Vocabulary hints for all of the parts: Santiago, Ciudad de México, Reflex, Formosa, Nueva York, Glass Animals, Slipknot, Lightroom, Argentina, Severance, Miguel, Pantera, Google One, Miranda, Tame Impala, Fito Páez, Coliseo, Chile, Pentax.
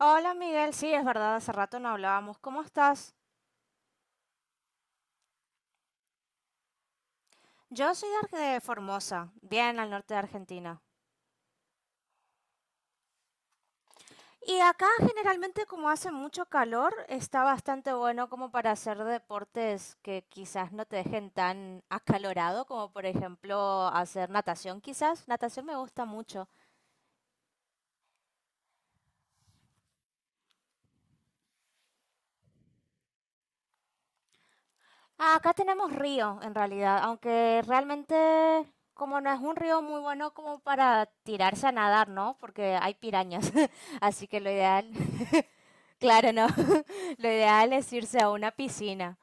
Hola Miguel, sí, es verdad, hace rato no hablábamos. ¿Cómo estás? Yo soy de de Formosa, bien al norte de Argentina. Y acá generalmente como hace mucho calor, está bastante bueno como para hacer deportes que quizás no te dejen tan acalorado, como por ejemplo hacer natación quizás. Natación me gusta mucho. Ah, acá tenemos río en realidad, aunque realmente como no es un río muy bueno como para tirarse a nadar, ¿no? Porque hay pirañas, así que lo ideal Claro, no. Lo ideal es irse a una piscina.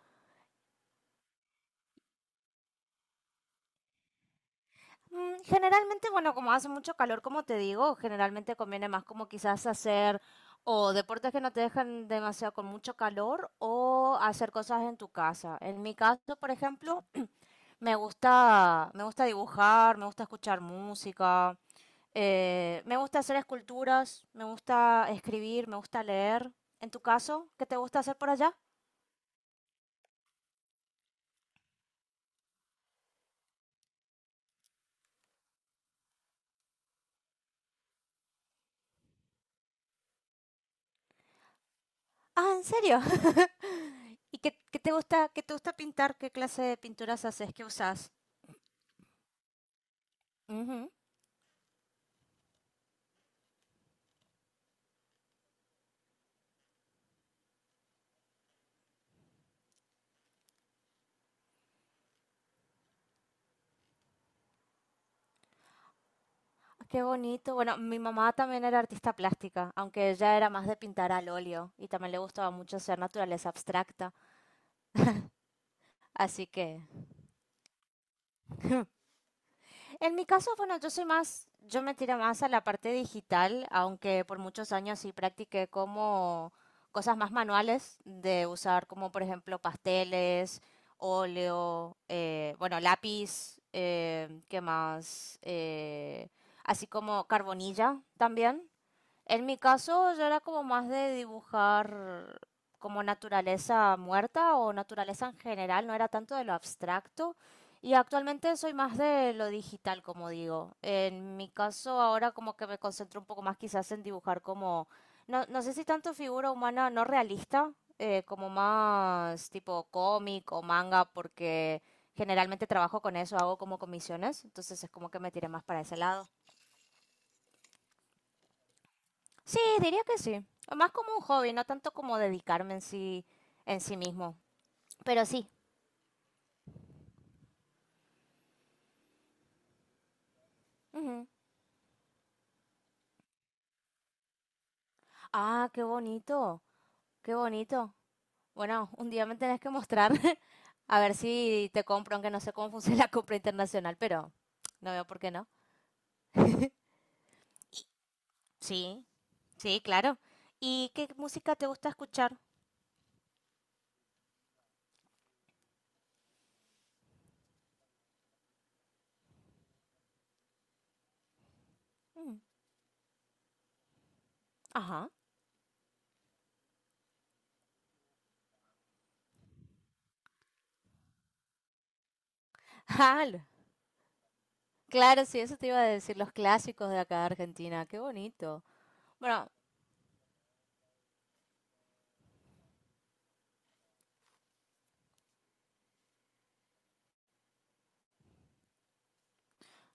Generalmente, bueno, como hace mucho calor, como te digo, generalmente conviene más como quizás hacer o deportes que no te dejan demasiado con mucho calor o hacer cosas en tu casa. En mi caso, por ejemplo, me gusta dibujar, me gusta escuchar música, me gusta hacer esculturas, me gusta escribir, me gusta leer. En tu caso, ¿qué te gusta hacer por allá? Ah, ¿en serio? ¿Y qué te gusta pintar? ¿Qué clase de pinturas haces? ¿Qué usas? Ujú. Qué bonito. Bueno, mi mamá también era artista plástica, aunque ella era más de pintar al óleo y también le gustaba mucho hacer naturaleza abstracta. Así que en mi caso, bueno, yo me tiro más a la parte digital, aunque por muchos años sí practiqué como cosas más manuales de usar, como por ejemplo pasteles, óleo, bueno, lápiz, ¿qué más? Así como carbonilla también. En mi caso, yo era como más de dibujar como naturaleza muerta o naturaleza en general, no era tanto de lo abstracto. Y actualmente soy más de lo digital, como digo. En mi caso, ahora como que me concentro un poco más quizás en dibujar como, no sé si tanto figura humana no realista, como más tipo cómic o manga, porque generalmente trabajo con eso, hago como comisiones, entonces es como que me tiré más para ese lado. Sí, diría que sí. Más como un hobby, no tanto como dedicarme en sí mismo. Pero sí. Ujú. Ah, qué bonito, qué bonito. Bueno, un día me tenés que mostrar. A ver si te compro, aunque no sé cómo funciona la compra internacional, pero no veo por qué no. Sí, sí, claro. ¿Y qué música te gusta escuchar? Mm. Ajá. Ah, claro, sí, eso te iba a decir, los clásicos de acá de Argentina. Qué bonito. Bueno.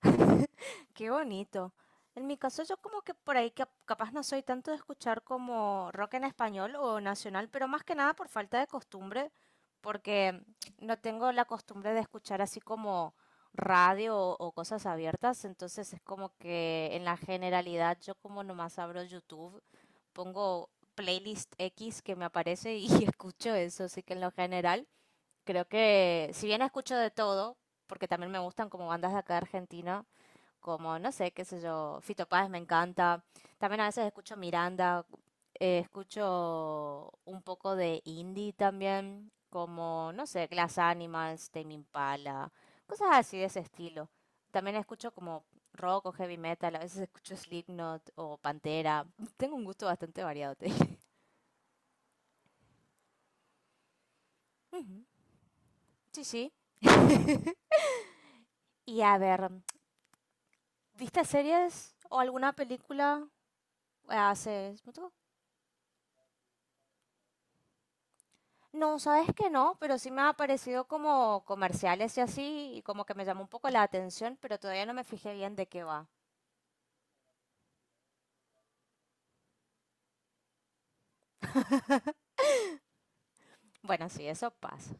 Qué bonito. En mi caso, yo como que por ahí capaz no soy tanto de escuchar como rock en español o nacional, pero más que nada por falta de costumbre, porque no tengo la costumbre de escuchar así como radio o cosas abiertas, entonces es como que en la generalidad yo como nomás abro YouTube, pongo playlist X que me aparece y escucho eso, así que en lo general creo que si bien escucho de todo, porque también me gustan como bandas de acá de Argentina, como, no sé, qué sé yo, Fito Páez me encanta. También a veces escucho Miranda, escucho un poco de indie también, como, no sé, Glass Animals, Tame Impala, cosas así de ese estilo. También escucho como rock o heavy metal, a veces escucho Slipknot o Pantera. Tengo un gusto bastante variado, te dije. Ujú. Sí, sí. Y a ver, ¿viste series o alguna película hace No, sabes que no, pero sí me ha aparecido como comerciales y así, y como que me llamó un poco la atención, pero todavía no me fijé bien de qué va. Bueno, sí, eso pasa.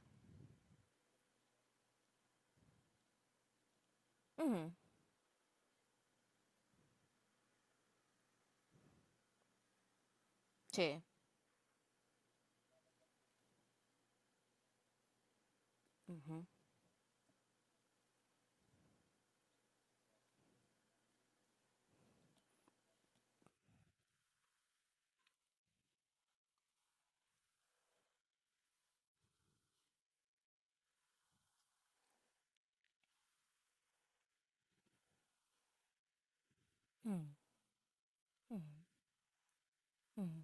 Ujú. Sí. Ujú, mm, mm, mm.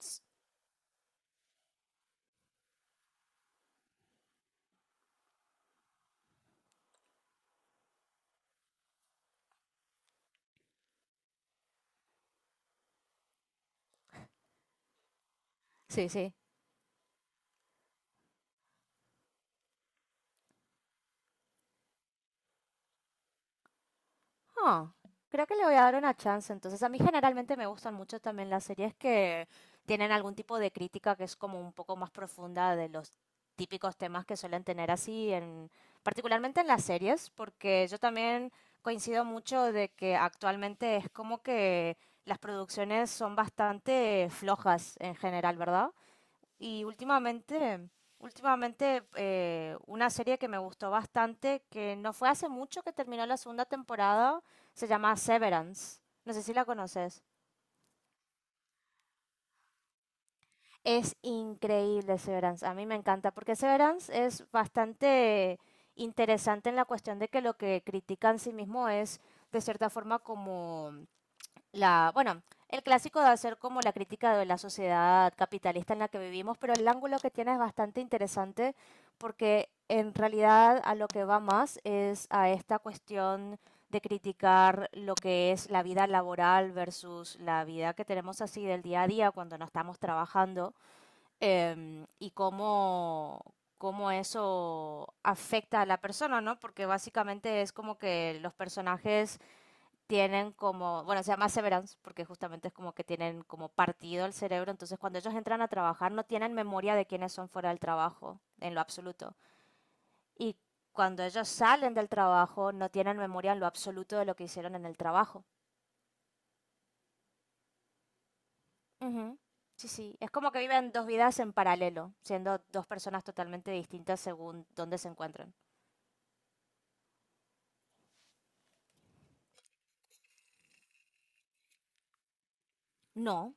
S- Sí, sí. Ah, creo que le voy a dar una chance. Entonces, a mí generalmente me gustan mucho también las series que tienen algún tipo de crítica que es como un poco más profunda de los típicos temas que suelen tener particularmente en las series, porque yo también coincido mucho de que actualmente es como que las producciones son bastante flojas en general, ¿verdad? Y últimamente una serie que me gustó bastante, que no fue hace mucho que terminó la segunda temporada, se llama Severance. No sé si la conoces. Es increíble Severance, a mí me encanta, porque Severance es bastante interesante en la cuestión de que lo que critica en sí mismo es de cierta forma como bueno, el clásico de hacer como la crítica de la sociedad capitalista en la que vivimos, pero el ángulo que tiene es bastante interesante porque en realidad a lo que va más es a esta cuestión de criticar lo que es la vida laboral versus la vida que tenemos así del día a día cuando no estamos trabajando, y cómo eso afecta a la persona, ¿no? Porque básicamente es como que los personajes tienen como, bueno, se llama severance porque justamente es como que tienen como partido el cerebro, entonces cuando ellos entran a trabajar no tienen memoria de quiénes son fuera del trabajo, en lo absoluto. Y cuando ellos salen del trabajo no tienen memoria en lo absoluto de lo que hicieron en el trabajo. Ujú. Sí, sí, es como que viven dos vidas en paralelo, siendo dos personas totalmente distintas según dónde se encuentran. No,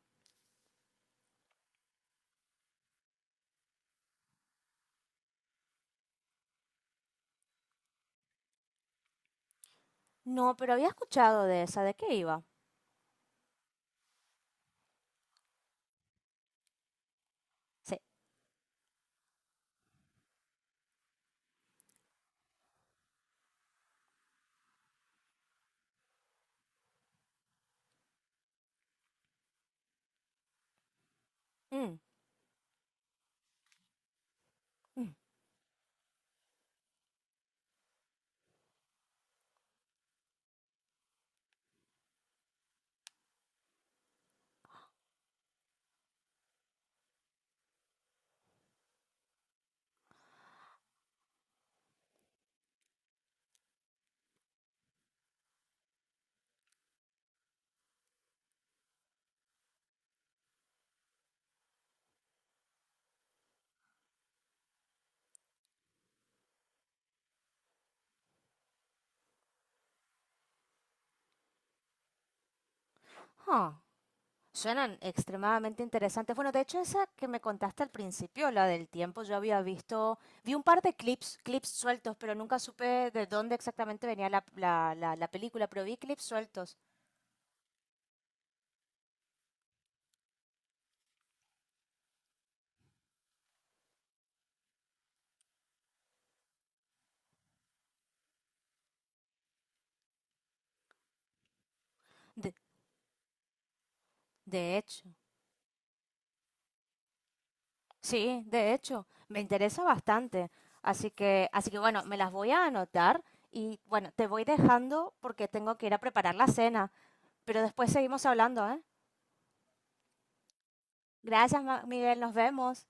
no, pero había escuchado de esa, ¿de qué iba? Sí. Mm, mm. Ah, suenan extremadamente interesantes. Bueno, de hecho, esa que me contaste al principio, la del tiempo, yo había visto, vi un par de clips sueltos, pero nunca supe de dónde exactamente venía la película, pero vi clips sueltos. De, de hecho, sí, de hecho, me interesa bastante. Así que bueno, me las voy a anotar y bueno, te voy dejando porque tengo que ir a preparar la cena, pero después seguimos hablando, ¿eh? Gracias, Miguel, nos vemos.